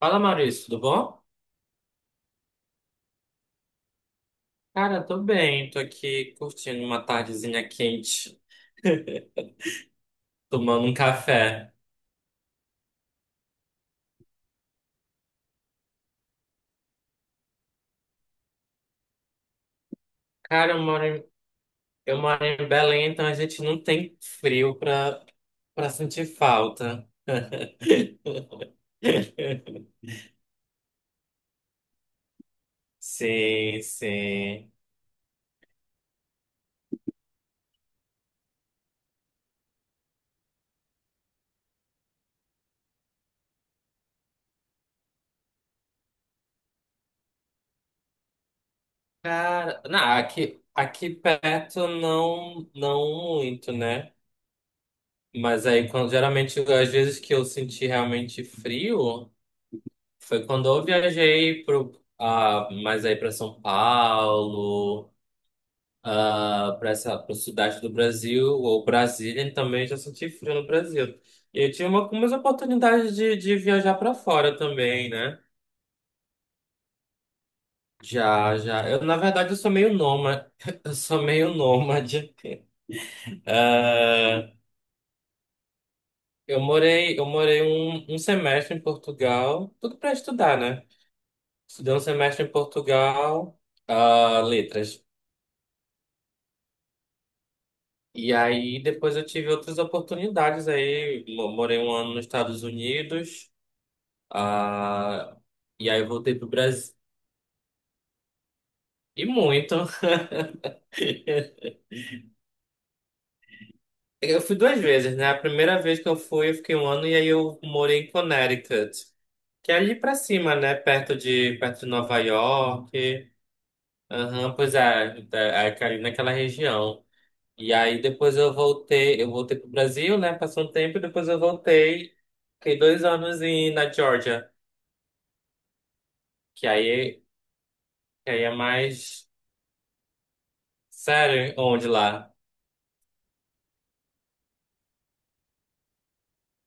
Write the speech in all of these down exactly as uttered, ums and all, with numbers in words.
Fala, Maurício, tudo bom? Cara, tô bem, tô aqui curtindo uma tardezinha quente, tomando um café. Cara, eu moro em, eu moro em Belém, então a gente não tem frio pra, pra sentir falta. Sim, sim. Cara, não, aqui, aqui perto não, não muito, né? Mas aí, quando, geralmente, às vezes que eu senti realmente frio. Foi quando eu viajei pro, ah, mais aí para São Paulo, ah, para essa pro sudeste do Brasil, ou Brasília, e também já senti frio no Brasil. E eu tive uma, umas oportunidades de, de viajar para fora também, né? Já, já. Eu, na verdade, eu sou meio nômade. Eu sou meio nômade. Ah, eu morei, eu morei um, um semestre em Portugal, tudo para estudar, né? Estudei um semestre em Portugal, ah, letras. E aí depois eu tive outras oportunidades aí. Mo- Morei um ano nos Estados Unidos. Ah, e aí eu voltei pro Brasil. E muito. Eu fui duas vezes, né? A primeira vez que eu fui, eu fiquei um ano e aí eu morei em Connecticut, que é ali pra cima, né? Perto de, perto de Nova York. Aham, pois é, é, é ali naquela região. E aí depois eu voltei, eu voltei pro Brasil, né? Passou um tempo e depois eu voltei. Fiquei dois anos em, na Georgia, que aí E aí é mais. Sério, onde lá?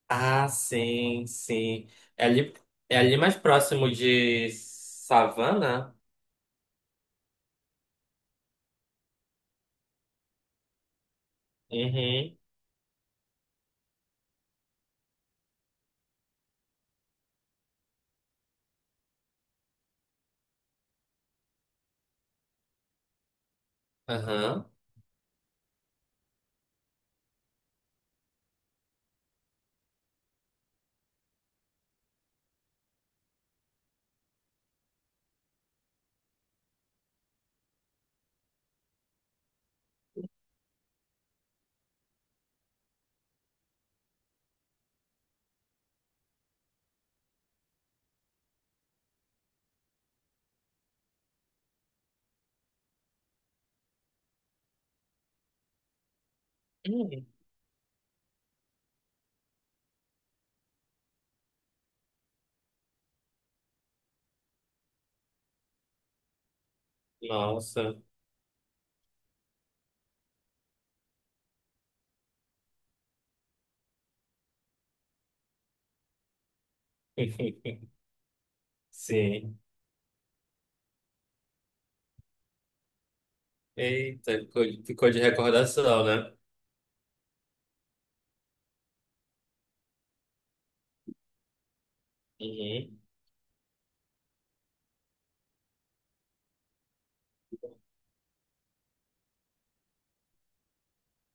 Ah, sim, sim. É ali, é ali mais próximo de Savana? Uhum. Aham. Hum. Nossa. Sim. Eita, ficou, ficou de recordação, né? Uhum.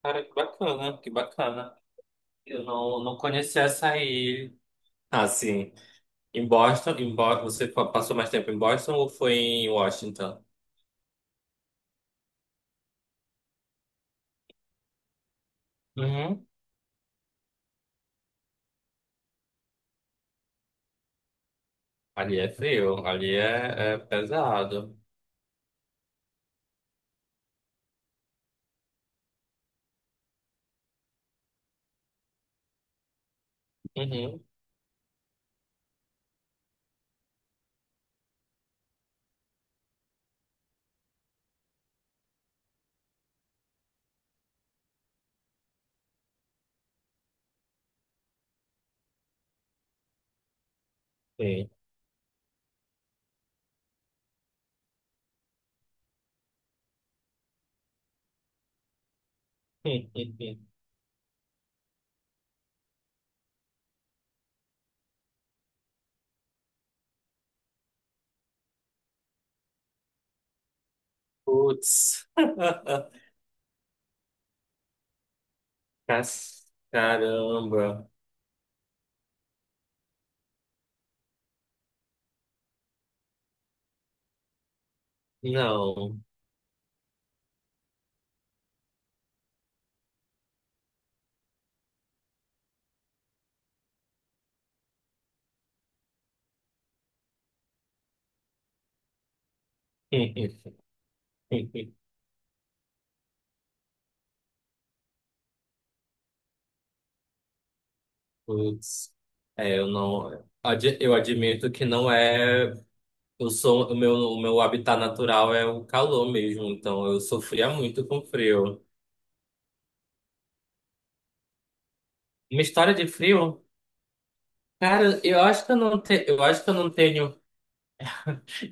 Cara, que bacana, que bacana. Eu não, não conhecia essa ilha. Ah, sim. Em Boston, em Bo- você pa- passou mais tempo em Boston ou foi em Washington? Ali é frio, ali é, é pesado. Uhum, sim. Putz. Cas- Caramba. Não. Putz. É, eu não. ad- Eu admito que não é. Eu sou, o meu, o meu habitat natural é o calor mesmo, então eu sofria muito com frio. Uma história de frio? Cara, eu acho que eu não, te, eu acho que eu não tenho.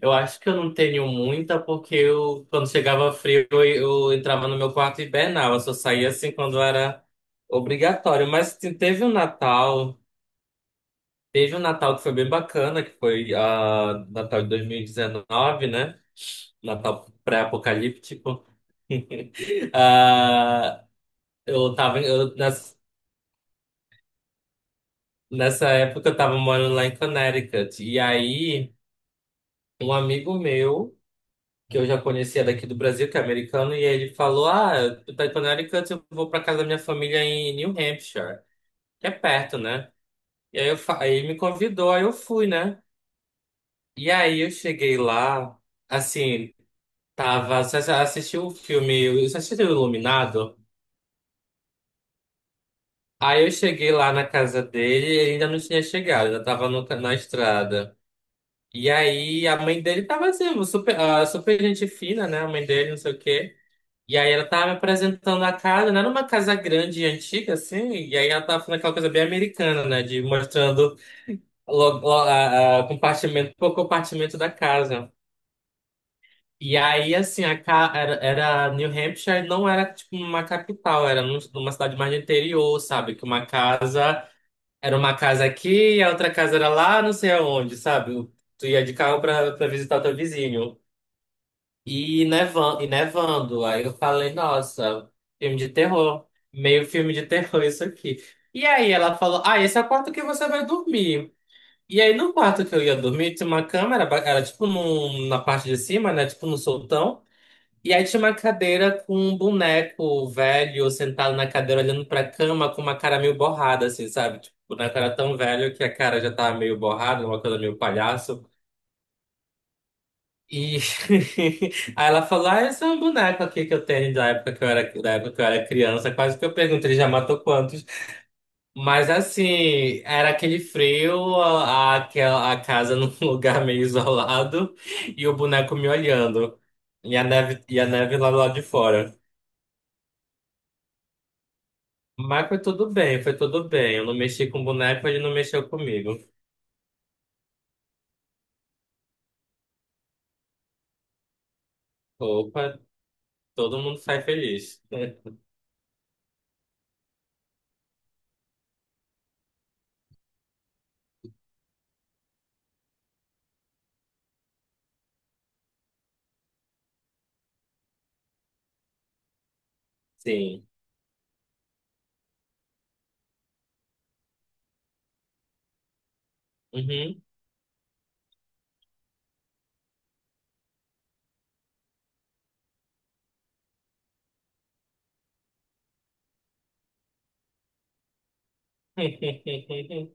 Eu acho que eu não tenho muita, porque eu, quando chegava frio, eu, eu entrava no meu quarto e hibernava. Só saía assim quando era obrigatório. Mas te- teve um Natal, teve um Natal que foi bem bacana, que foi ah, Natal de dois mil e dezenove, né? Natal pré-apocalíptico. Ah, eu tava, em- eu, nessa, nessa época eu tava morando lá em Connecticut. E aí, um amigo meu que eu já conhecia daqui do Brasil, que é americano, e aí ele falou: Ah, tu tá em Connecticut, eu vou pra casa da minha família em New Hampshire, que é perto, né? E aí, eu, fa- aí ele me convidou, aí eu fui, né? E aí eu cheguei lá, assim, tava, assisti o filme, eu assisti o Iluminado. Aí eu cheguei lá na casa dele e ele ainda não tinha chegado, ainda tava no, na estrada. E aí a mãe dele tava assim, super, ah, super gente fina, né? A mãe dele, não sei o quê. E aí ela tava me apresentando a casa, não era uma casa grande e antiga, assim, e aí ela tava falando aquela coisa bem americana, né? De mostrando lo- lo- a, a- compartimento por compartimento da casa. E aí, assim, a ca... era, era New Hampshire, não era tipo uma capital, era num- numa cidade mais do interior, sabe? Que uma casa era uma casa aqui e a outra casa era lá, não sei aonde, sabe? Tu ia de carro pra, pra visitar o teu vizinho. E nevando, e nevando. Aí eu falei, nossa, filme de terror. Meio filme de terror isso aqui. E aí ela falou, ah, esse é o quarto que você vai dormir. E aí no quarto que eu ia dormir, tinha uma câmera, ba- era tipo num, na parte de cima, né? Tipo no soltão. E aí tinha uma cadeira com um boneco velho sentado na cadeira olhando pra cama com uma cara meio borrada, assim, sabe? Tipo, o boneco era tão velho que a cara já tava meio borrada, uma coisa meio palhaço. E aí ela falou: Ah, esse é um boneco aqui que eu tenho da época que eu era, da época que eu era criança. Quase que eu pergunto, ele já matou quantos? Mas assim, era aquele frio, a, a, aquela- a casa num lugar meio isolado e o boneco me olhando. E a neve, e a neve lá do lado de fora. Mas foi tudo bem, foi tudo bem. Eu não mexi com o boneco, ele não mexeu comigo. Opa, todo mundo sai feliz. Sim. Uhum.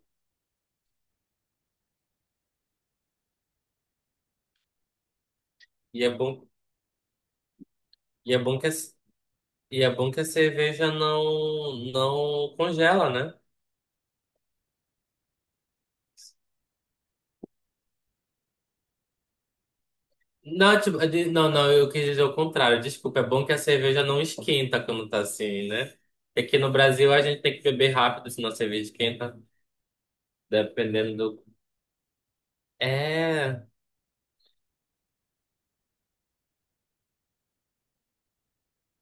E é bom, e é bom que é E é bom que a cerveja não, não congela, né? Não, tipo, de- não, não, eu quis dizer o contrário. Desculpa, é bom que a cerveja não esquenta quando tá assim, né? Porque aqui no Brasil a gente tem que beber rápido, senão a cerveja esquenta, dependendo do. É,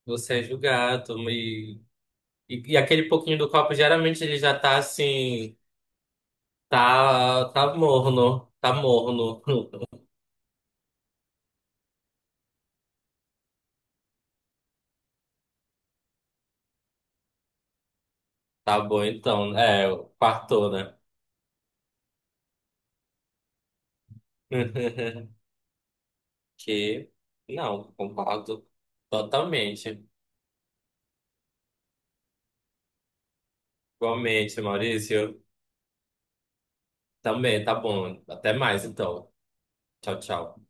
você é julgado. E, e, e aquele pouquinho do copo, geralmente ele já tá assim, tá, tá morno, tá morno. Tá bom então, é, quartou, né? Que não, concordo totalmente. Igualmente, Maurício. Também, tá bom. Até mais, então. Tchau, tchau.